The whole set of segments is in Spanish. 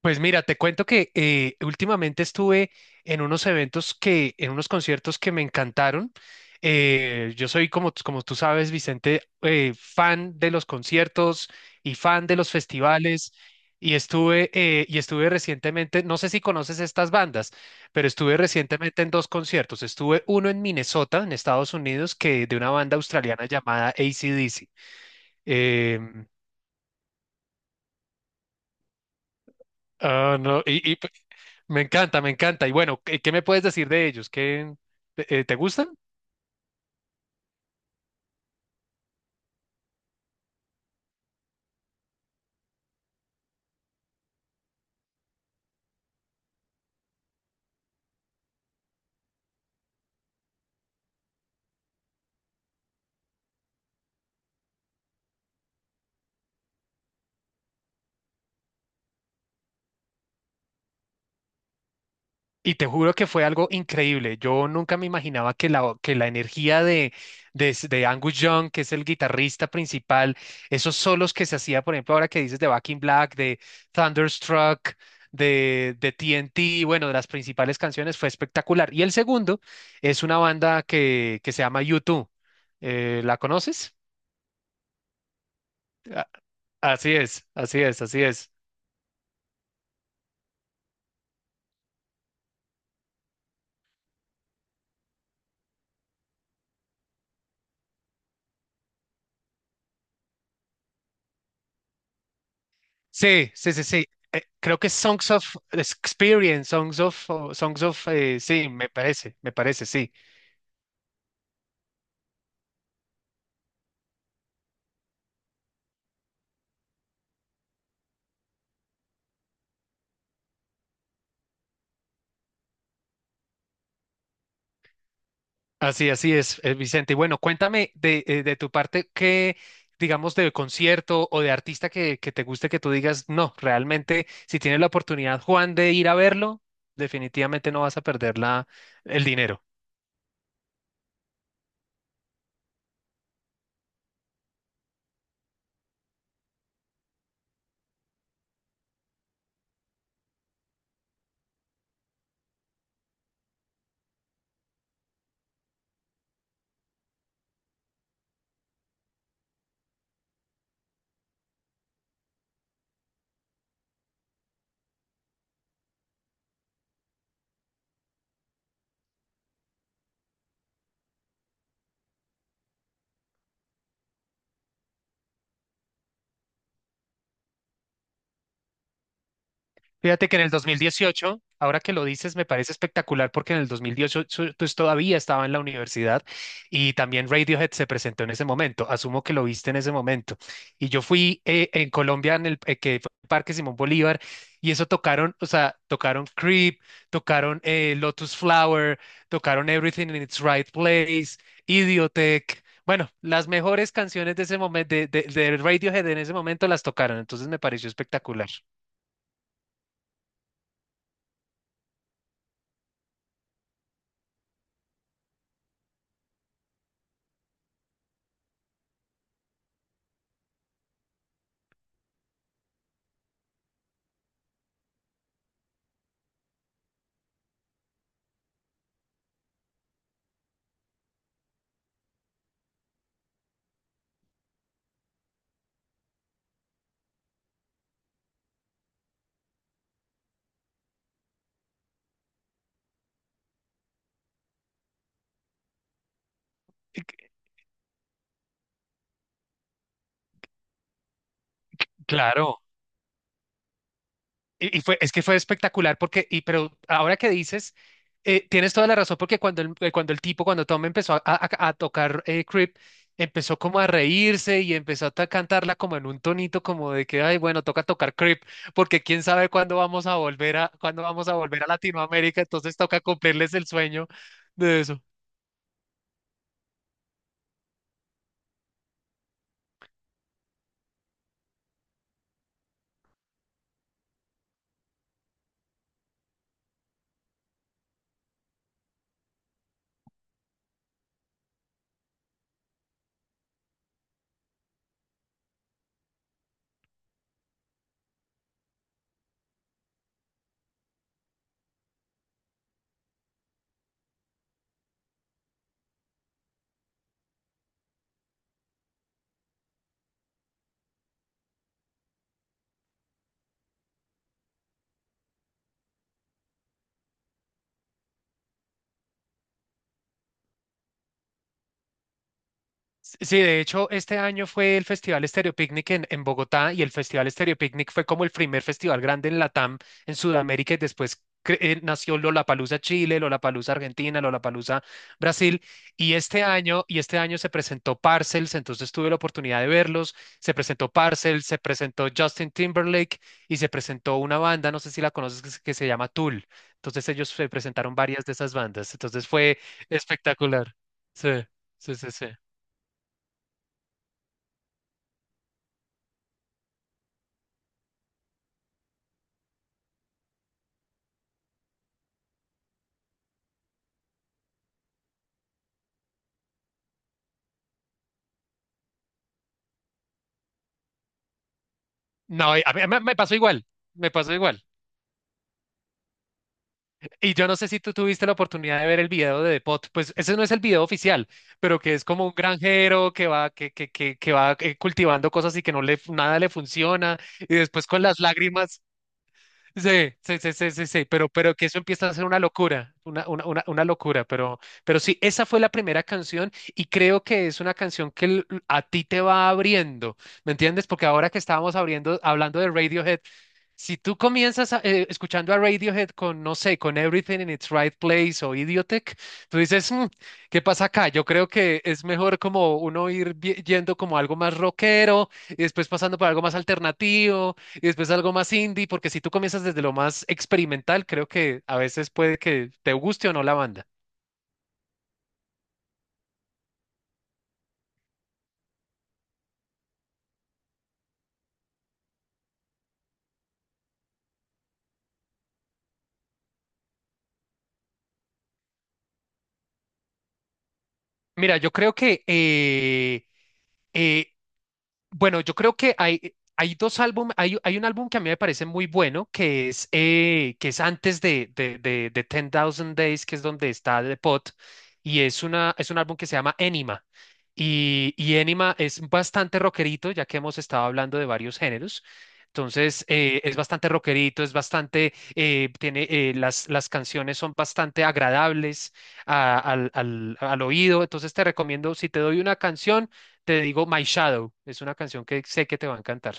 Pues mira, te cuento que últimamente estuve en unos eventos en unos conciertos que me encantaron. Yo soy, como, como tú sabes, Vicente, fan de los conciertos y fan de los festivales. Y estuve recientemente, no sé si conoces estas bandas, pero estuve recientemente en dos conciertos. Estuve uno en Minnesota, en Estados Unidos, que de una banda australiana llamada AC/DC. Em, ah, no, y- Me encanta, me encanta. Y bueno, ¿qué, qué me puedes decir de ellos? ¿Qué, te te gustan? Y te juro que fue algo increíble. Yo nunca me imaginaba que que la energía de Angus Young, que es el guitarrista principal, esos solos que se hacía, por ejemplo, ahora que dices de Back in Black, de Thunderstruck, de TNT, bueno, de las principales canciones, fue espectacular. Y el segundo es una banda que se llama U2. ¿La conoces? A- Así es, así es, así es. Sí, sí, sí, sí. Creo que Songs of Experience, Songs of, sí, me parece, sí. Así, así es, Vicente. Y bueno, cuéntame de tu parte qué, digamos, de concierto o de artista que te guste que tú digas, no, realmente, si tienes la oportunidad, Juan, de ir a verlo, definitivamente no vas a perder el dinero. Fíjate que en el 2018, ahora que lo dices, me parece espectacular porque en el 2018 pues todavía estaba en la universidad y también Radiohead se presentó en ese momento. Asumo que lo viste en ese momento. Y yo fui en Colombia en el que fue el Parque Simón Bolívar y eso tocaron, o sea, tocaron Creep, tocaron Lotus Flower, tocaron Everything in its Right Place, Idiotech. Bueno, las mejores canciones de ese momento de Radiohead en ese momento las tocaron, entonces me pareció espectacular. Claro. Y fue, es que fue espectacular porque, y, pero ahora que dices, tienes toda la razón porque cuando cuando el tipo, cuando Tom empezó a tocar Creep, empezó como a reírse y empezó a cantarla como en un tonito como de que, ay, bueno, toca tocar Creep porque quién sabe cuándo vamos a volver a, cuándo vamos a volver a Latinoamérica, entonces toca cumplirles el sueño de eso. Sí, de hecho, este año fue el Festival Estéreo Picnic en Bogotá y el Festival Estéreo Picnic fue como el primer festival grande en Latam, en Sudamérica y después nació Lollapalooza Chile, Lollapalooza Argentina, Lollapalooza Brasil y este año se presentó Parcels, entonces tuve la oportunidad de verlos, se presentó Parcels, se presentó Justin Timberlake y se presentó una banda, no sé si la conoces, que se llama Tool. Entonces ellos se presentaron varias de esas bandas, entonces fue espectacular. Sí, sí, sí, sí. No, a mí me pasó igual, me pasó igual. Y yo no sé si tú tuviste la oportunidad de ver el video de Depot, pues ese no es el video oficial, pero que es como un granjero que va, que va cultivando cosas y que no le, nada le funciona, y después con las lágrimas. Sí, sí, sí, sí, sí, sí, pero que eso empieza a ser una locura, una locura, pero sí, esa fue la primera canción y creo que es una canción que a ti te va abriendo, ¿me entiendes? Porque ahora que estábamos abriendo, hablando de Radiohead, si tú comienzas escuchando a Radiohead con, no sé, con Everything in its Right Place o Idiotech, tú dices, "Mm, ¿qué pasa acá?" Yo creo que es mejor como uno ir yendo como algo más rockero y después pasando por algo más alternativo y después algo más indie, porque si tú comienzas desde lo más experimental, creo que a veces puede que te guste o no la banda. Mira, yo creo que eh, bueno, yo creo que hay, hay dos álbumes, hay un álbum que a mí me parece muy bueno, que es antes de ten Thousand Days, que es donde está The Pot, y es, una, es un álbum que se llama Enima. Y Enima es bastante rockerito, ya que hemos estado hablando de varios géneros. Entonces, es bastante rockerito, es bastante, tiene, las canciones son bastante agradables al oído. Entonces, te recomiendo, si te doy una canción, te digo My Shadow, es una canción que sé que te va a encantar.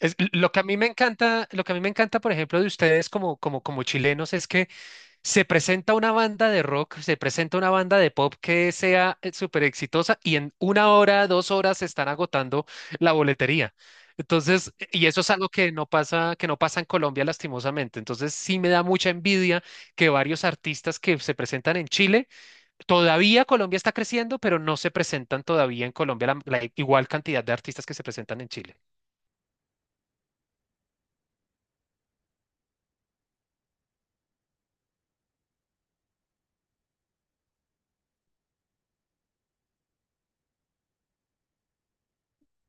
Es, lo que a mí me encanta, lo que a mí me encanta, por ejemplo, de ustedes como chilenos es que se presenta una banda de rock, se presenta una banda de pop que sea súper exitosa y en una hora, dos horas se están agotando la boletería. Entonces, y eso es algo que no pasa en Colombia lastimosamente. Entonces, sí me da mucha envidia que varios artistas que se presentan en Chile. Todavía Colombia está creciendo, pero no se presentan todavía en Colombia la igual cantidad de artistas que se presentan en Chile.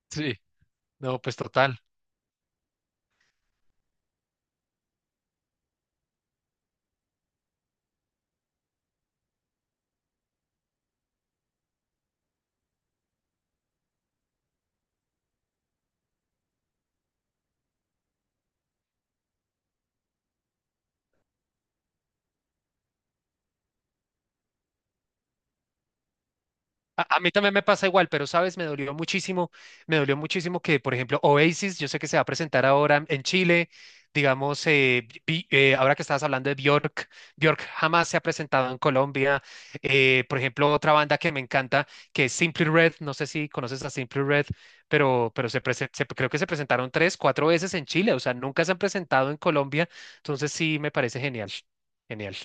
Sí, no, pues total. A mí también me pasa igual, pero sabes, me dolió muchísimo que, por ejemplo, Oasis, yo sé que se va a presentar ahora en Chile, digamos, ahora que estabas hablando de Björk, Björk jamás se ha presentado en Colombia. Por ejemplo, otra banda que me encanta, que es Simply Red, no sé si conoces a Simply Red, pero creo que se presentaron tres, cuatro veces en Chile, o sea, nunca se han presentado en Colombia, entonces sí, me parece genial, genial.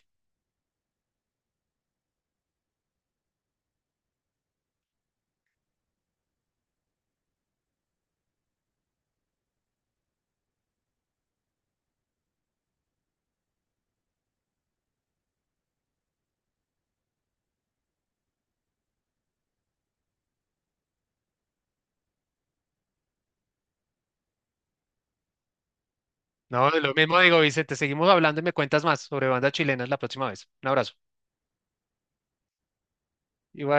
No, lo mismo digo, Vicente. Seguimos hablando y me cuentas más sobre bandas chilenas la próxima vez. Un abrazo. Igual.